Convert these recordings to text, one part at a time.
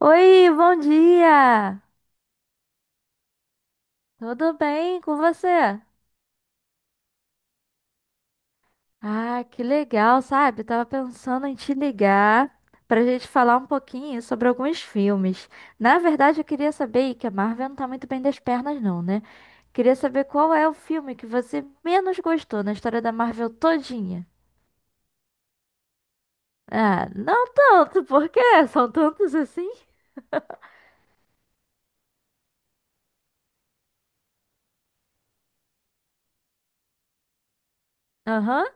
Oi, bom dia! Tudo bem com você? Ah, que legal, sabe? Tava pensando em te ligar pra gente falar um pouquinho sobre alguns filmes. Na verdade, eu queria saber que a Marvel não tá muito bem das pernas, não, né? Queria saber qual é o filme que você menos gostou na história da Marvel todinha. Ah, não tanto, porque são tantos assim. Aham.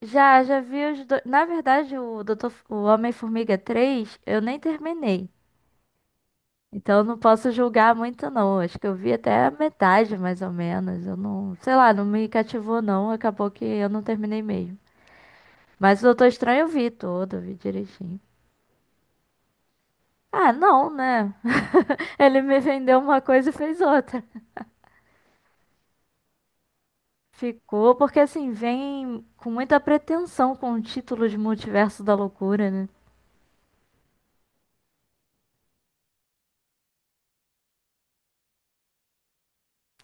Já vi os dois. Na verdade, o Homem-Formiga 3, eu nem terminei. Então eu não posso julgar muito, não. Acho que eu vi até a metade, mais ou menos. Eu não, sei lá, não me cativou, não. Acabou que eu não terminei mesmo. Mas o Doutor Estranho eu vi todo, eu vi direitinho. Ah, não, né? Ele me vendeu uma coisa e fez outra. Ficou, porque assim, vem com muita pretensão com o título de Multiverso da Loucura, né?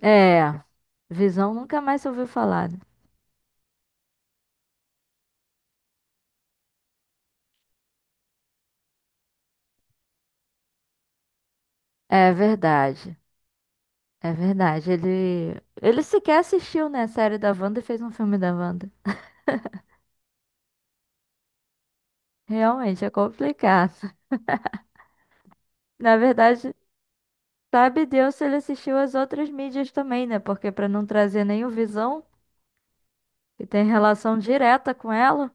É, Visão nunca mais se ouviu falar, né? É verdade. É verdade. Ele sequer assistiu, né, a série da Wanda e fez um filme da Wanda. Realmente é complicado. Na verdade, sabe Deus se ele assistiu às outras mídias também, né? Porque para não trazer nenhum Visão, que tem relação direta com ela.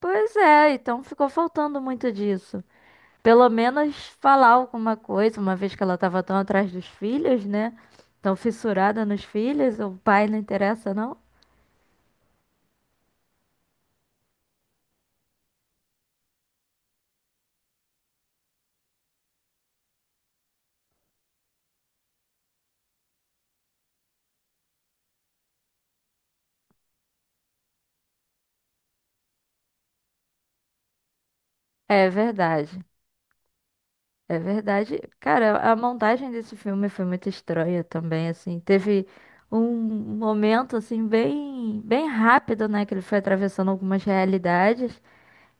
Pois é, então ficou faltando muito disso. Pelo menos falar alguma coisa, uma vez que ela estava tão atrás dos filhos, né? Tão fissurada nos filhos, o pai não interessa, não? É verdade. É verdade. Cara, a montagem desse filme foi muito estranha também, assim. Teve um momento, assim, bem, bem rápido, né? Que ele foi atravessando algumas realidades,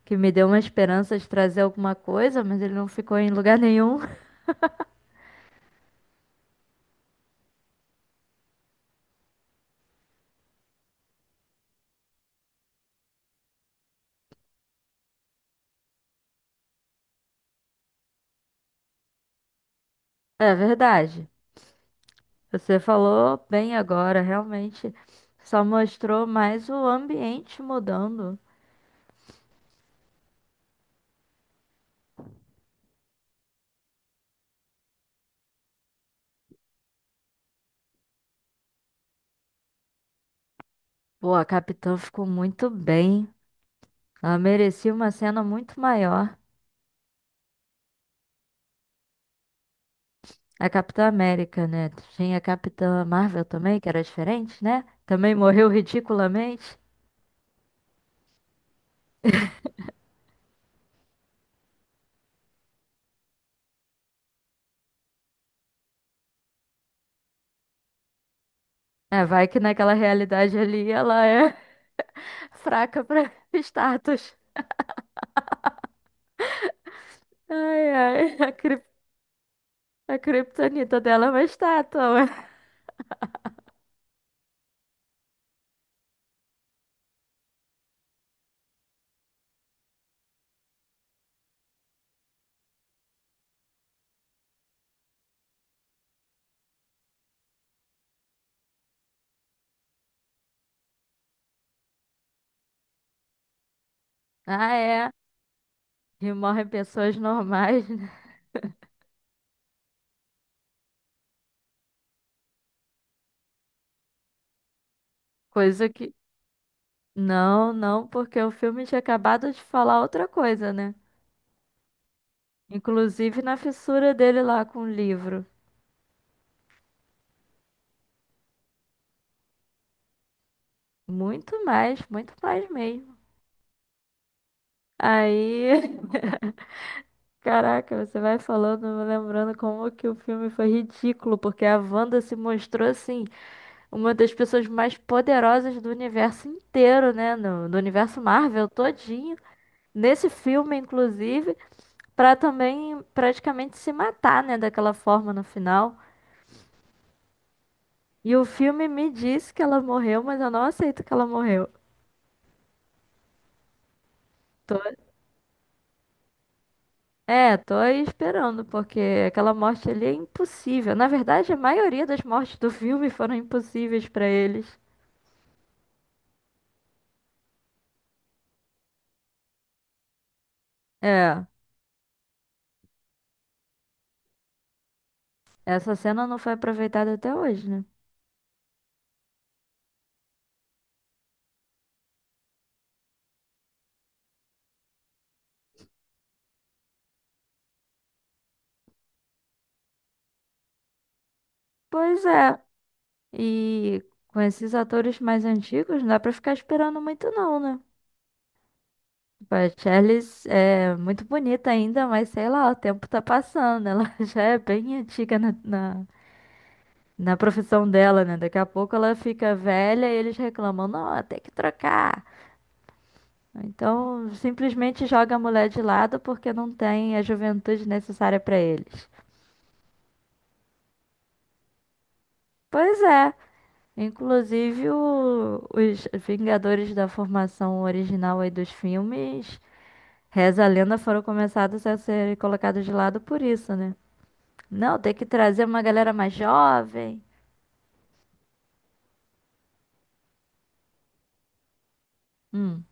que me deu uma esperança de trazer alguma coisa, mas ele não ficou em lugar nenhum. É verdade. Você falou bem agora, realmente. Só mostrou mais o ambiente mudando. Pô, a Capitã ficou muito bem. Ela merecia uma cena muito maior. A Capitã América, né? Tinha a Capitã Marvel também, que era diferente, né? Também morreu ridiculamente. É, vai que naquela realidade ali ela é fraca pra status. Ai, ai, a criptonita dela é uma estátua. Ué. Ah, é. E morrem pessoas normais, né? Coisa que. Não, não, porque o filme tinha acabado de falar outra coisa, né? Inclusive na fissura dele lá com o livro. Muito mais mesmo. Aí Caraca, você vai falando, eu vou lembrando como que o filme foi ridículo, porque a Wanda se mostrou assim, uma das pessoas mais poderosas do universo inteiro, né? No, do universo Marvel todinho. Nesse filme, inclusive, pra também praticamente se matar, né? Daquela forma no final. E o filme me disse que ela morreu, mas eu não aceito que ela morreu. É, tô aí esperando, porque aquela morte ali é impossível. Na verdade, a maioria das mortes do filme foram impossíveis pra eles. É. Essa cena não foi aproveitada até hoje, né? Pois é. E com esses atores mais antigos, não dá pra ficar esperando muito, não, né? Tipo, a Charlize é muito bonita ainda, mas sei lá, o tempo tá passando. Ela já é bem antiga na profissão dela, né? Daqui a pouco ela fica velha e eles reclamam: não, tem que trocar. Então, simplesmente joga a mulher de lado porque não tem a juventude necessária pra eles. Pois é. Inclusive, os Vingadores da formação original aí dos filmes, reza a lenda, foram começados a ser colocados de lado por isso, né? Não, tem que trazer uma galera mais jovem. Hum.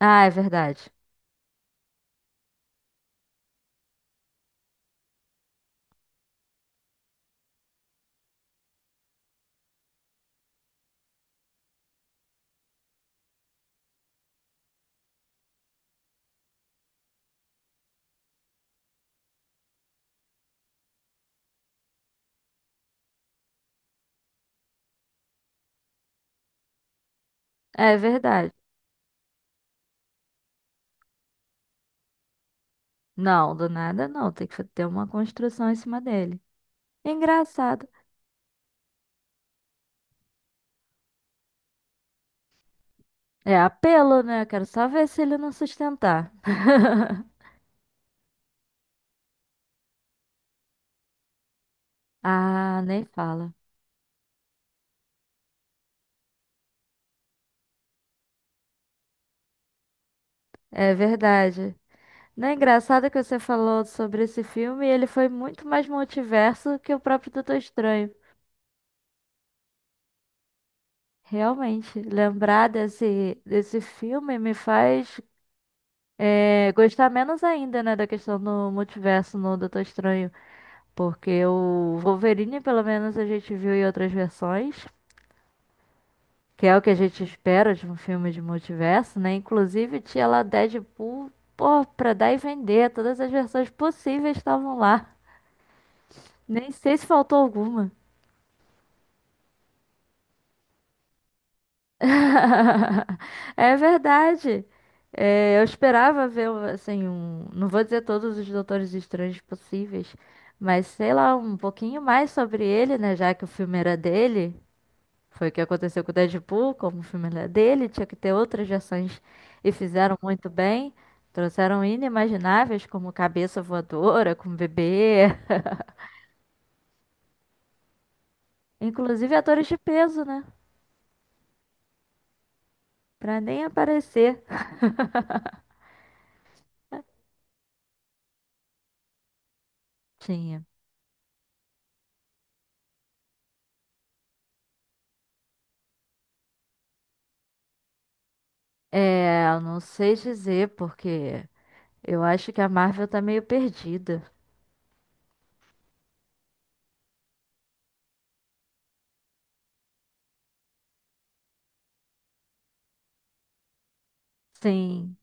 Ah, é verdade. É verdade. Não, do nada não. Tem que ter uma construção em cima dele. Engraçado. É apelo, né? Quero só ver se ele não sustentar. Ah, nem fala. É verdade. Não é engraçado que você falou sobre esse filme? Ele foi muito mais multiverso que o próprio Doutor Estranho. Realmente, lembrar desse filme me faz gostar menos ainda, né, da questão do multiverso no Doutor Estranho. Porque o Wolverine, pelo menos, a gente viu em outras versões, que é o que a gente espera de um filme de multiverso, né? Inclusive, tinha lá Deadpool, pô, pra dar e vender, todas as versões possíveis estavam lá. Nem sei se faltou alguma. É verdade. É, eu esperava ver, assim, um. Não vou dizer todos os Doutores Estranhos possíveis, mas sei lá, um pouquinho mais sobre ele, né? Já que o filme era dele. Foi o que aconteceu com o Deadpool, como o filme era dele, tinha que ter outras versões e fizeram muito bem. Trouxeram inimagináveis, como Cabeça Voadora, como Bebê. Inclusive atores de peso, né? Pra nem aparecer. Tinha. É, eu não sei dizer, porque. Eu acho que a Marvel tá meio perdida. Sim.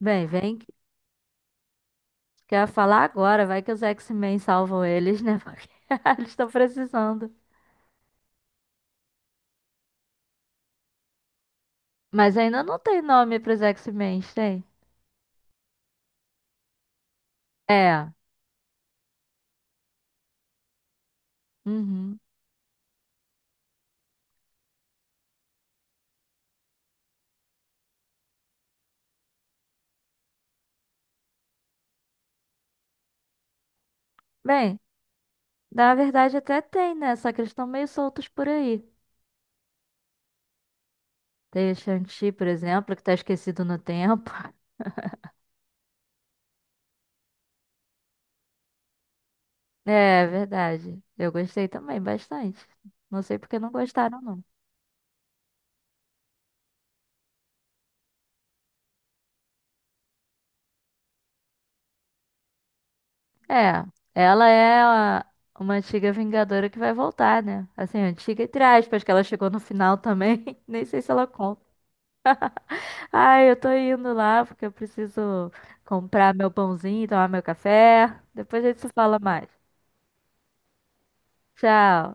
Bem, vem que quer falar agora, vai que os X-Men salvam eles, né? Porque eles estão precisando. Mas ainda não tem nome pros X-Men, tem? É. Uhum. Bem, na verdade até tem, né? Só que eles estão meio soltos por aí. Tem o Shang-Chi, por exemplo, que tá esquecido no tempo. É, verdade. Eu gostei também bastante. Não sei porque não gostaram, não. É, ela é uma antiga Vingadora que vai voltar, né? Assim, antiga entre aspas, que ela chegou no final também. Nem sei se ela conta. Ai, eu tô indo lá porque eu preciso comprar meu pãozinho, tomar meu café. Depois a gente se fala mais. Tchau.